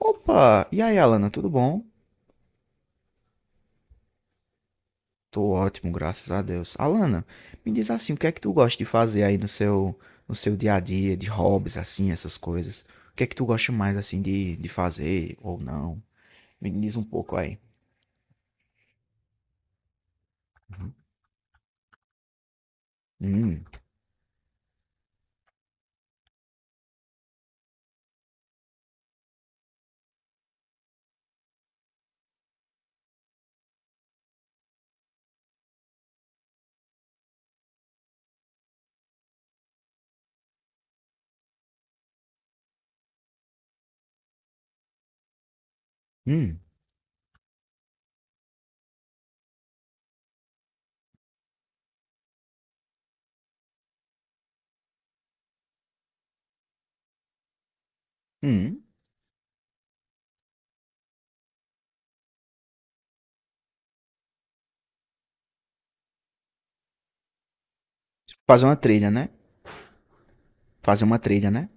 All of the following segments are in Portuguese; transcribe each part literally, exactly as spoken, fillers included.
Opa! E aí, Alana, tudo bom? Tô ótimo, graças a Deus. Alana, me diz assim, o que é que tu gosta de fazer aí no seu no seu dia a dia, de hobbies assim, essas coisas? O que é que tu gosta mais assim de, de fazer ou não? Me diz um pouco aí. Uhum. Hum, hum, hum. Fazer uma trilha, né? Fazer uma trilha, né?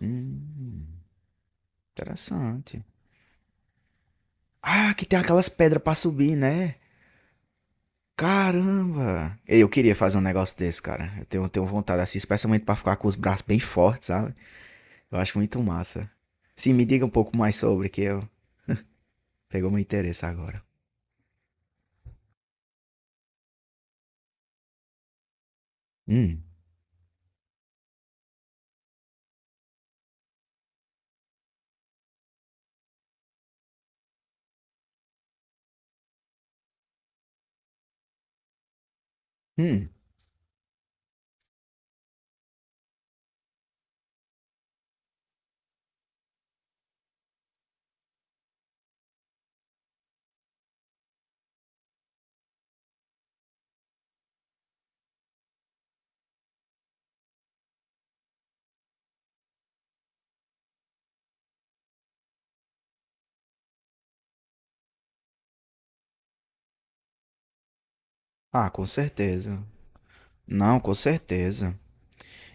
Hum, interessante. Ah, que tem aquelas pedras pra subir, né? Caramba! Ei, eu queria fazer um negócio desse, cara. Eu tenho, tenho vontade, assim, especialmente pra ficar com os braços bem fortes, sabe? Eu acho muito massa. Sim, me diga um pouco mais sobre, que eu pegou meu interesse agora. Hum, hum. Ah, com certeza. Não, com certeza.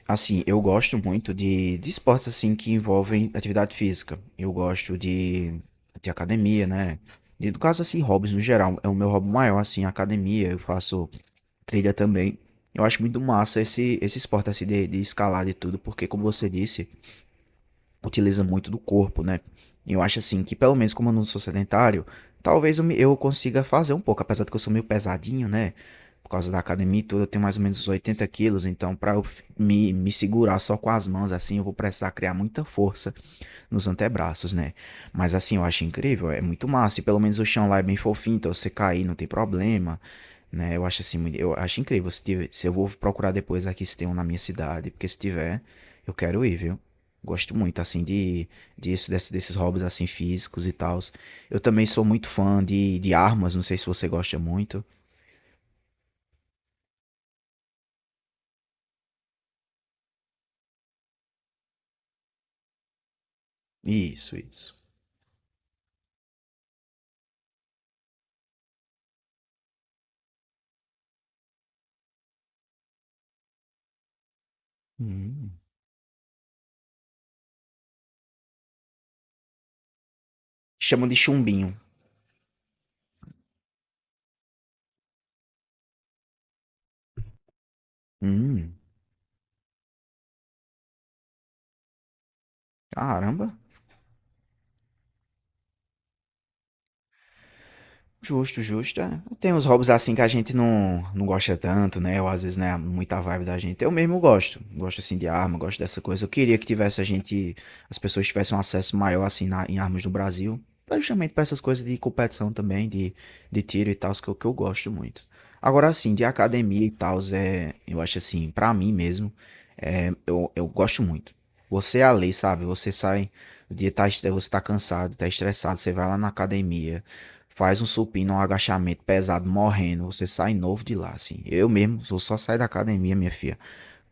Assim, eu gosto muito de, de esportes assim que envolvem atividade física. Eu gosto de, de academia, né? E no caso, assim, hobbies no geral. É o meu hobby maior, assim, academia. Eu faço trilha também. Eu acho muito massa esse, esse esporte assim de, de escalar de tudo, porque como você disse, utiliza muito do corpo, né? Eu acho assim que, pelo menos como eu não sou sedentário, talvez eu, me- eu consiga fazer um pouco, apesar de que eu sou meio pesadinho, né? Por causa da academia e tudo, eu tenho mais ou menos uns oitenta quilos, então para eu f- me, me segurar só com as mãos assim, eu vou precisar criar muita força nos antebraços, né? Mas assim, eu acho incrível, é muito massa, e pelo menos o chão lá é bem fofinho, então você cair não tem problema, né? Eu acho assim, muito- eu acho incrível. Se, tiver- se eu vou procurar depois aqui se tem um na minha cidade, porque se tiver, eu quero ir, viu? Gosto muito, assim, de, disso, desse- desses hobbies, assim, físicos e tal. Eu também sou muito fã de, de armas, não sei se você gosta muito. Isso, isso. Hum. Chamam de chumbinho. Hum, caramba. Justo, justo. É. Tem uns hobbies assim que a gente não, não gosta tanto, né? Ou às vezes não é muita vibe da gente. Eu mesmo gosto. Gosto assim de arma, gosto dessa coisa. Eu queria que tivesse a gente, as pessoas tivessem um acesso maior assim na- em armas no Brasil. Pra Justamente pra essas coisas de competição também, de, de tiro e tal, que eu, que eu gosto muito. Agora assim, de academia e tal, é, eu acho assim, pra mim mesmo, é, eu, eu gosto muito. Você é a lei, sabe? Você sai, o dia tá, estre- você tá cansado, tá estressado, você vai lá na academia. Faz um supino, um agachamento pesado, morrendo, você sai novo de lá, assim. Eu mesmo vou só sair da academia, minha filha,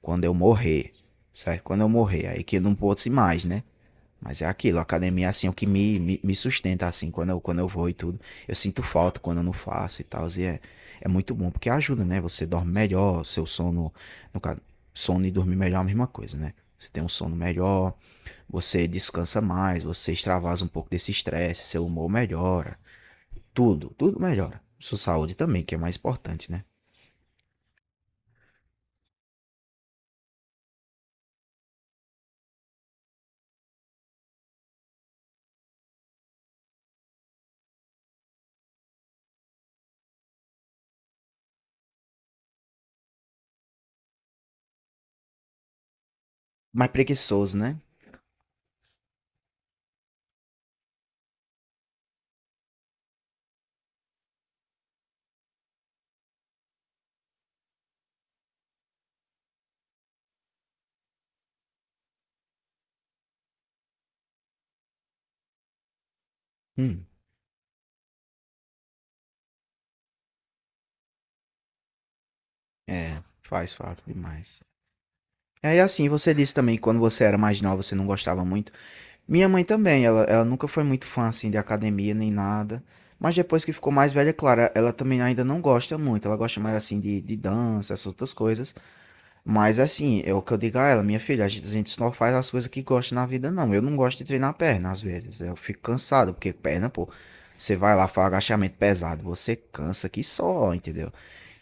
quando eu morrer, certo? Quando eu morrer, aí que eu não posso ir mais, né? Mas é aquilo, a academia, é assim, é o que me, me, me sustenta, assim, quando eu, quando eu vou e tudo. Eu sinto falta quando eu não faço e tal, e é, é muito bom, porque ajuda, né? Você dorme melhor, seu sono, no caso, sono e dormir melhor é a mesma coisa, né? Você tem um sono melhor, você descansa mais, você extravasa um pouco desse estresse, seu humor melhora. Tudo, tudo melhora. Sua saúde também, que é mais importante, né? Mais preguiçoso, né? Hum, é, faz falta demais. É, e assim, você disse também que quando você era mais nova você não gostava muito. Minha mãe também, ela, ela nunca foi muito fã assim de academia nem nada. Mas depois que ficou mais velha, é claro, ela também ainda não gosta muito. Ela gosta mais assim de, de dança, essas outras coisas. Mas assim, é o que eu digo a ela, minha filha, a gente a gente só faz as coisas que gosta na vida, não. Eu não gosto de treinar perna às vezes. Eu fico cansado, porque perna, pô, você vai lá, faz agachamento pesado, você cansa que só, entendeu?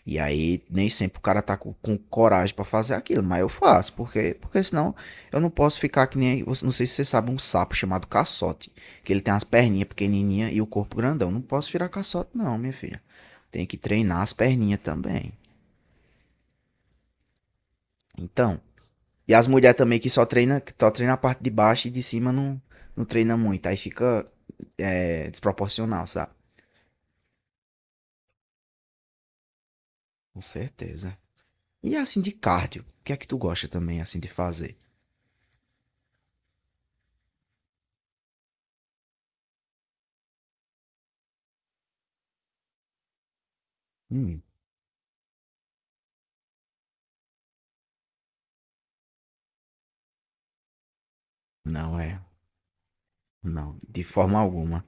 E aí nem sempre o cara tá com, com coragem pra fazer aquilo, mas eu faço, porque, porque senão eu não posso ficar que nem, você- não sei se você sabe, um sapo chamado caçote, que ele tem as perninhas pequenininhas e o corpo grandão. Não posso virar caçote não, minha filha. Tem que treinar as perninhas também. Então, e as mulheres também que só treina, que só treina a parte de baixo e de cima não, não treina muito. Aí fica é, desproporcional, sabe? Com certeza. E assim de cardio, o que é que tu gosta também assim de fazer? Hum, não é, não, de forma alguma.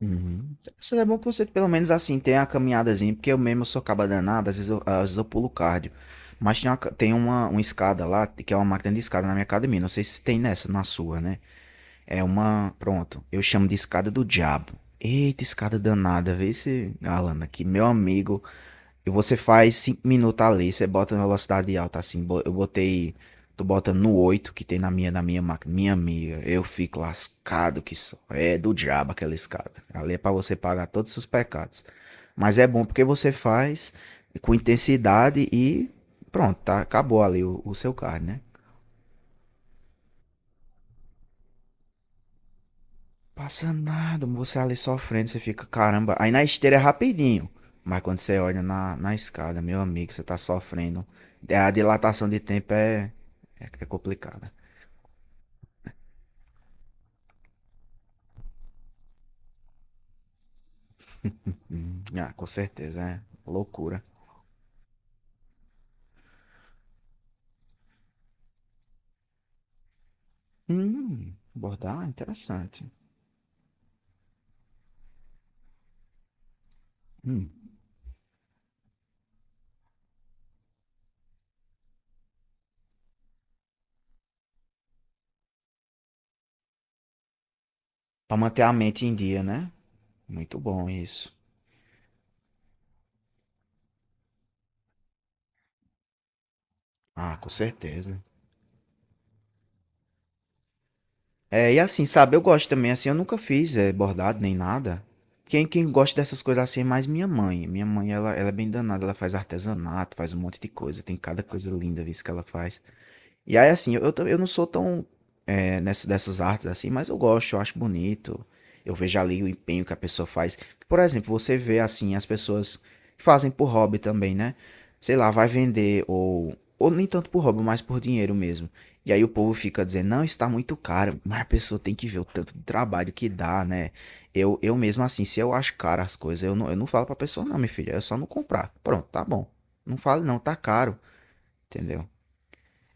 Uhum. Isso é bom que você pelo menos assim tenha a caminhadazinha, porque eu mesmo sou caba danado, às vezes eu, às vezes eu pulo cardio. Mas tem uma, ca- tem uma, uma escada lá, que é uma máquina de escada na minha academia, não sei se tem nessa, na sua, né? É uma. Pronto, eu chamo de escada do diabo. Eita, escada danada, vê se, Alana, que meu amigo. E você faz cinco minutos ali, você bota na velocidade alta assim. Eu botei. Tô botando no oito que tem na minha, na minha máquina. Minha amiga, eu fico lascado que só. É do diabo aquela escada. Ali é pra você pagar todos os seus pecados. Mas é bom porque você faz com intensidade e pronto, tá, acabou ali o, o seu card, né? Passa nada, você ali sofrendo, você fica, caramba. Aí na esteira é rapidinho. Mas quando você olha na, na escada, meu amigo, você tá sofrendo. É, a dilatação de tempo é, é, é complicada. Hum, ah, com certeza, é loucura. Hum, bordar, interessante. Hum, para manter a mente em dia, né? Muito bom isso. Ah, com certeza. É, e assim, sabe, eu gosto também, assim, eu nunca fiz eh, bordado nem nada. Quem, quem gosta dessas coisas assim é mais minha mãe. Minha mãe, ela, ela é bem danada, ela faz artesanato, faz um monte de coisa, tem cada coisa linda, viu, isso que ela faz. E aí, assim, eu, eu tam- eu não sou tão, é, nessa, dessas artes assim, mas eu gosto, eu acho bonito. Eu vejo ali o empenho que a pessoa faz. Por exemplo, você vê assim as pessoas que fazem por hobby também, né? Sei lá, vai vender ou ou nem tanto por hobby, mas por dinheiro mesmo. E aí o povo fica dizendo, não, está muito caro, mas a pessoa tem que ver o tanto de trabalho que dá, né? Eu, eu mesmo assim, se eu acho caro as coisas, eu não, eu não falo pra pessoa, não, minha filha, é só não comprar. Pronto, tá bom. Não fale não, tá caro, entendeu?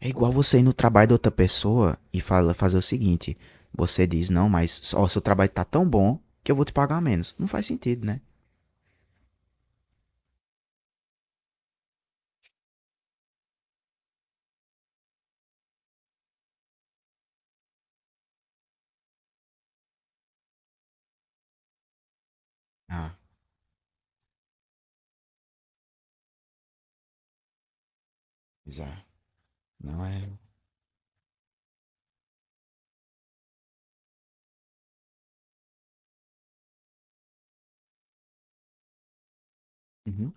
É igual você ir no trabalho da outra pessoa e fala, fazer o seguinte: você diz, não, mas ó, seu trabalho tá tão bom que eu vou te pagar menos. Não faz sentido, né? Ah, já. Não é. Uhum.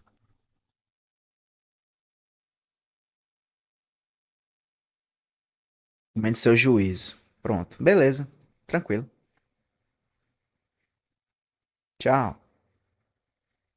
Menos seu juízo. Pronto, beleza, tranquilo. Tchau.